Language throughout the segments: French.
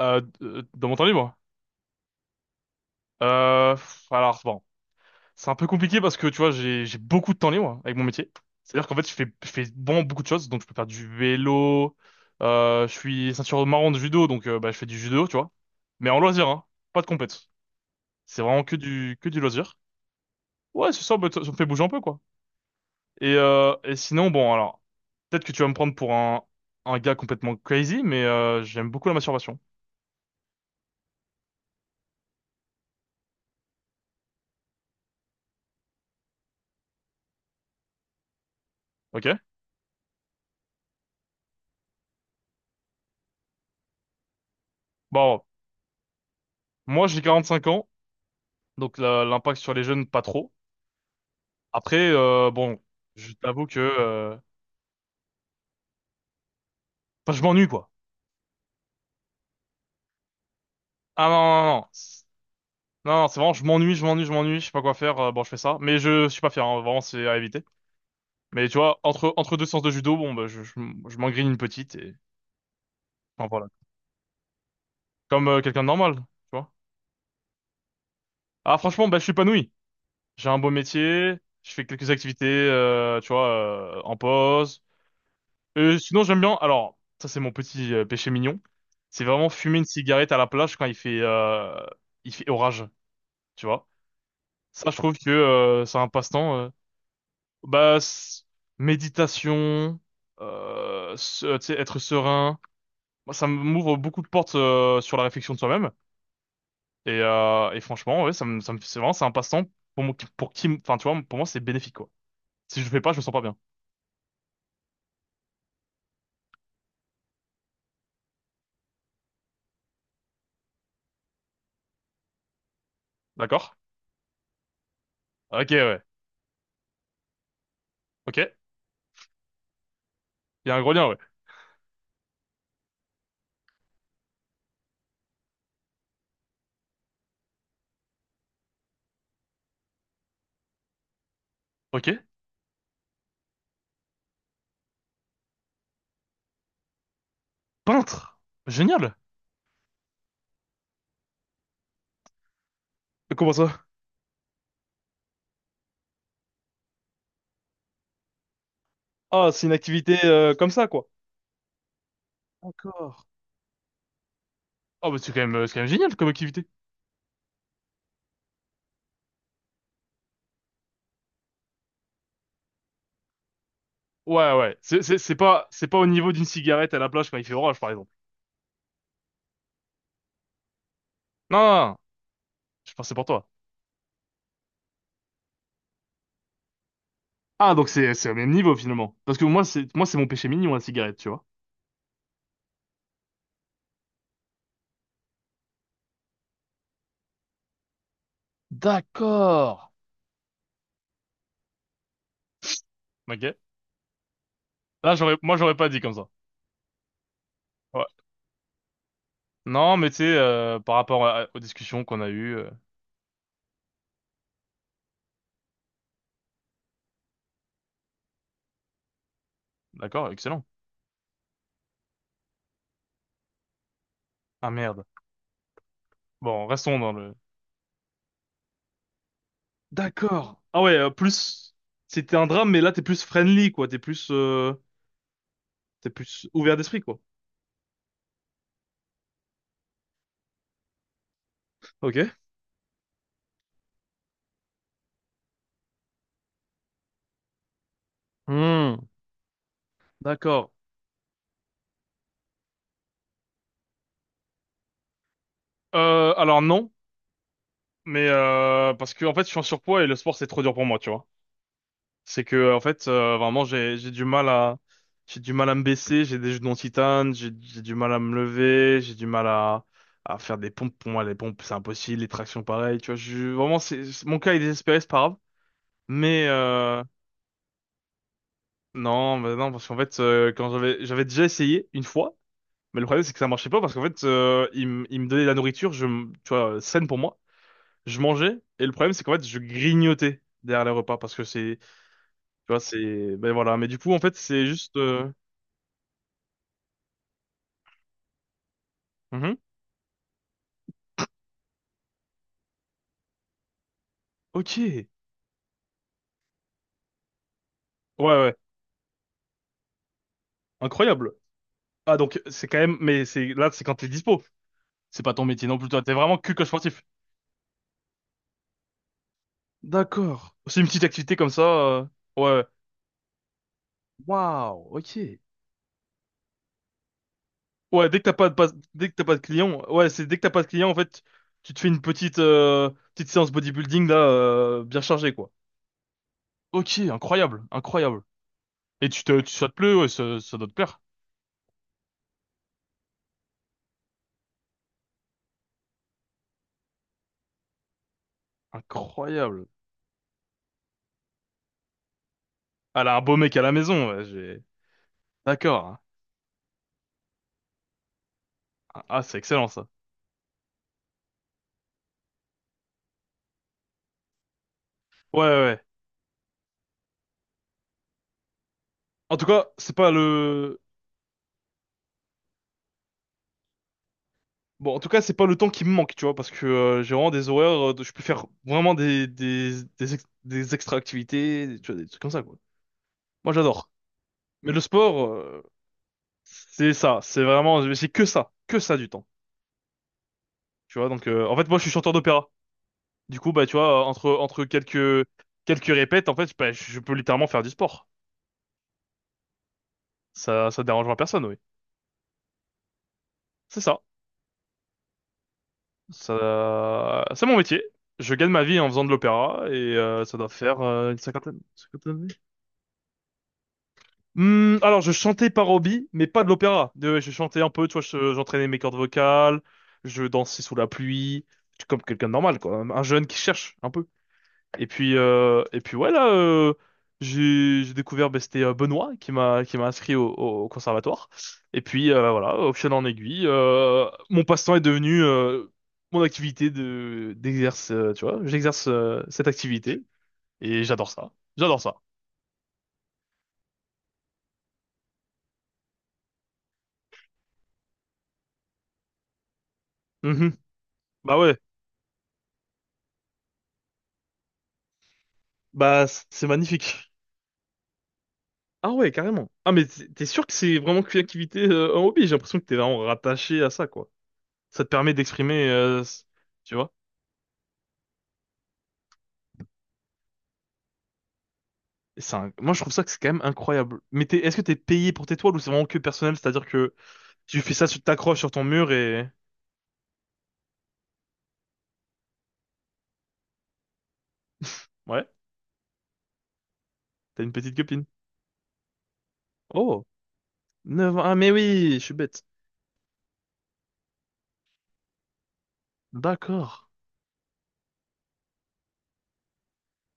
Dans mon temps libre? Alors bon, c'est un peu compliqué parce que tu vois, j'ai beaucoup de temps libre avec mon métier. C'est-à-dire qu'en fait, je fais vraiment beaucoup de choses. Donc, je peux faire du vélo. Je suis ceinture marron de judo, donc bah, je fais du judo, tu vois. Mais en loisir, hein, pas de compète. C'est vraiment que du loisir. Ouais, c'est ça. Bah, ça me fait bouger un peu, quoi. Et et sinon, bon, alors peut-être que tu vas me prendre pour un gars complètement crazy, mais j'aime beaucoup la masturbation. Ok? Bon, moi j'ai 45 ans, donc l'impact sur les jeunes pas trop. Après, bon, je t'avoue que... Enfin, je m'ennuie, quoi. Ah non, non, non. Non, c'est non, c'est vraiment, je m'ennuie, je m'ennuie, je m'ennuie, je sais pas quoi faire, bon, je fais ça. Mais je suis pas fier, hein, vraiment, c'est à éviter. Mais tu vois, entre deux séances de judo, bon, bah, je m'engrine une petite et... Enfin, voilà. Comme quelqu'un de normal, tu vois. Ah, franchement, bah, je suis épanoui. J'ai un beau métier, je fais quelques activités, tu vois, en pause. Sinon, j'aime bien... Alors, ça, c'est mon petit péché mignon. C'est vraiment fumer une cigarette à la plage quand il fait orage, tu vois. Ça, je trouve que c'est un passe-temps. Bah, méditation, tu sais, être serein. Moi, ça m'ouvre beaucoup de portes sur la réflexion de soi-même. Et franchement, ouais, c'est vraiment, c'est un passe-temps pour moi, enfin, tu vois, pour moi, c'est bénéfique, quoi. Si je le fais pas, je me sens pas bien. D'accord? Ok, ouais. Ok. Il y a un gros lien, ouais. Ok. Peintre. Génial. Comment ça? Ah, c'est une activité comme ça, quoi. D'accord. Ah, bah, c'est quand même génial comme activité. Ouais, ouais. C'est pas au niveau d'une cigarette à la plage quand il fait orage, par exemple. Non, non, non. Je pensais pour toi. Ah, donc c'est au même niveau, finalement. Parce que moi, c'est mon péché mignon, la cigarette, tu vois. D'accord. Ok. Là, moi, j'aurais pas dit comme ça. Ouais. Non, mais tu sais, par rapport aux discussions qu'on a eues, d'accord, excellent. Ah merde. Bon, restons dans le. D'accord. Ah ouais, plus. C'était un drame, mais là, t'es plus friendly, quoi. T'es plus ouvert d'esprit, quoi. Ok. Hmm. D'accord. Alors non. Mais parce que en fait, je suis en surpoids et le sport c'est trop dur pour moi, tu vois. C'est que en fait, vraiment, j'ai du mal à j'ai du mal à me baisser, j'ai des genoux en titane, j'ai du mal à me lever, j'ai du mal à faire des pompes. Pour moi, les pompes c'est impossible, les tractions pareil, tu vois. Je, vraiment, mon cas est désespéré, c'est pas grave. Mais non, bah non, parce qu'en fait, quand j'avais déjà essayé une fois, mais le problème c'est que ça marchait pas parce qu'en fait, il me donnait de la nourriture, tu vois, saine pour moi. Je mangeais et le problème c'est qu'en fait je grignotais derrière les repas parce que c'est tu vois c'est ben voilà mais du coup en fait c'est juste mhm. Ok, ouais, ouais, incroyable. Ah donc c'est quand même mais c'est quand t'es dispo. C'est pas ton métier non plus, toi t'es vraiment que coach sportif. D'accord, c'est une petite activité comme ça, ouais, waouh, ok. Ouais, dès que t'as pas de clients, ouais, c'est dès que t'as pas de clients en fait tu te fais une petite petite séance bodybuilding là bien chargée, quoi. Ok, incroyable, incroyable. Et ça te plaît, ouais, ça doit te plaire. Incroyable. Elle a un beau mec à la maison, ouais, j'ai... D'accord. Hein. Ah, c'est excellent, ça. Ouais, ouais, ouais. En tout cas, c'est pas le... Bon, en tout cas, c'est pas le temps qui me manque, tu vois, parce que j'ai vraiment des horaires, je peux faire vraiment des extra-activités, tu vois, des trucs comme ça, quoi. Moi, j'adore. Mais le sport, c'est ça, c'est vraiment, c'est que ça du temps, tu vois. Donc, en fait, moi, je suis chanteur d'opéra. Du coup, bah, tu vois, entre quelques, quelques répètes, en fait, bah, je peux littéralement faire du sport. Ça dérangera personne, oui. C'est ça. Ça, c'est mon métier. Je gagne ma vie en faisant de l'opéra et ça doit faire une cinquantaine d'années. Hmm, alors, je chantais par hobby, mais pas de l'opéra. Je chantais un peu, tu vois, j'entraînais mes cordes vocales, je dansais sous la pluie, comme quelqu'un de normal, quoi. Un jeune qui cherche un peu. Et puis, ouais, là, j'ai découvert, ben, c'était Benoît qui m'a inscrit au conservatoire. Et puis voilà, au fil en aiguille, mon passe-temps est devenu mon activité de d'exerce, tu vois. J'exerce cette activité et j'adore ça. J'adore ça. Mhm. Bah ouais, c'est magnifique. Ah ouais, carrément. Ah mais t'es sûr que c'est vraiment qu'une activité, un hobby? J'ai l'impression que t'es vraiment rattaché à ça, quoi. Ça te permet d'exprimer, tu vois. C'est un- Moi, je trouve ça que c'est quand même incroyable. Mais est-ce que t'es payé pour tes toiles ou c'est vraiment que personnel? C'est-à-dire que tu fais ça, tu t'accroches sur ton mur et... Ouais, t'as une petite copine. Oh, 9 ans. Ah, mais oui, je suis bête. D'accord.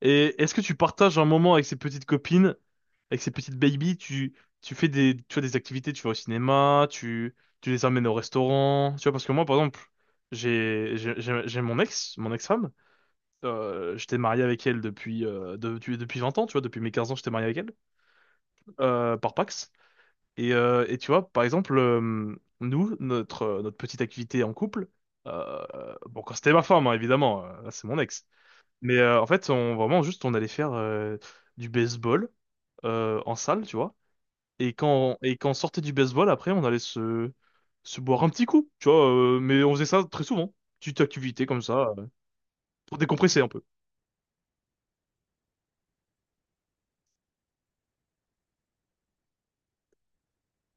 Et est-ce que tu partages un moment avec ces petites copines, avec ces petites babies? Tu fais tu vois, des activités, tu vas au cinéma, tu les amènes au restaurant. Tu vois, parce que moi, par exemple, j'ai mon ex, mon ex-femme. J'étais marié avec elle depuis, depuis 20 ans, tu vois, depuis mes 15 ans, j'étais marié avec elle. Par Pax. Et tu vois, par exemple, notre petite activité en couple, euh, bon, quand c'était ma femme, hein, évidemment, là, c'est mon ex. Mais en fait, on, vraiment, juste, on allait faire du baseball en salle, tu vois. Et quand on sortait du baseball, après, on allait se boire un petit coup, tu vois. Mais on faisait ça très souvent, petite activité comme ça, pour décompresser un peu.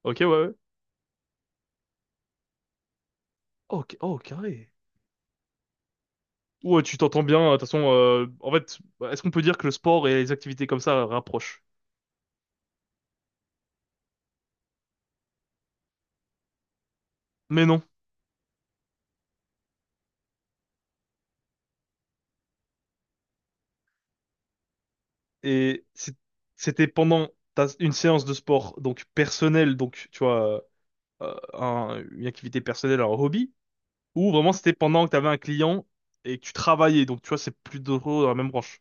Ok, ouais, ouais. Oh, oh, carré. Ouais, tu t'entends bien. De toute façon, en fait, est-ce qu'on peut dire que le sport et les activités comme ça rapprochent? Mais non. Et c'est- c'était pendant une séance de sport, donc personnelle, donc tu vois, une activité personnelle, un hobby, ou vraiment c'était pendant que t'avais un client et que tu travaillais. Donc tu vois, c'est plus drôle dans la même branche.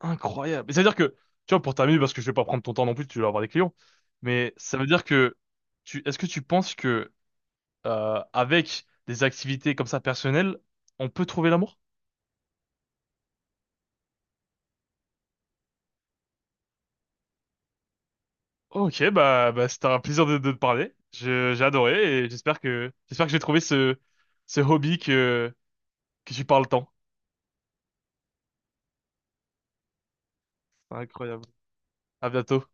Incroyable. Et ça veut dire que, tu vois, pour terminer, parce que je vais pas prendre ton temps non plus, tu vas avoir des clients. Mais ça veut dire que, est-ce que tu penses que avec des activités comme ça personnelles, on peut trouver l'amour? Ok, bah c'était un plaisir de te parler. J'ai adoré et j'espère que j'ai trouvé ce hobby que tu parles tant. Incroyable. À bientôt.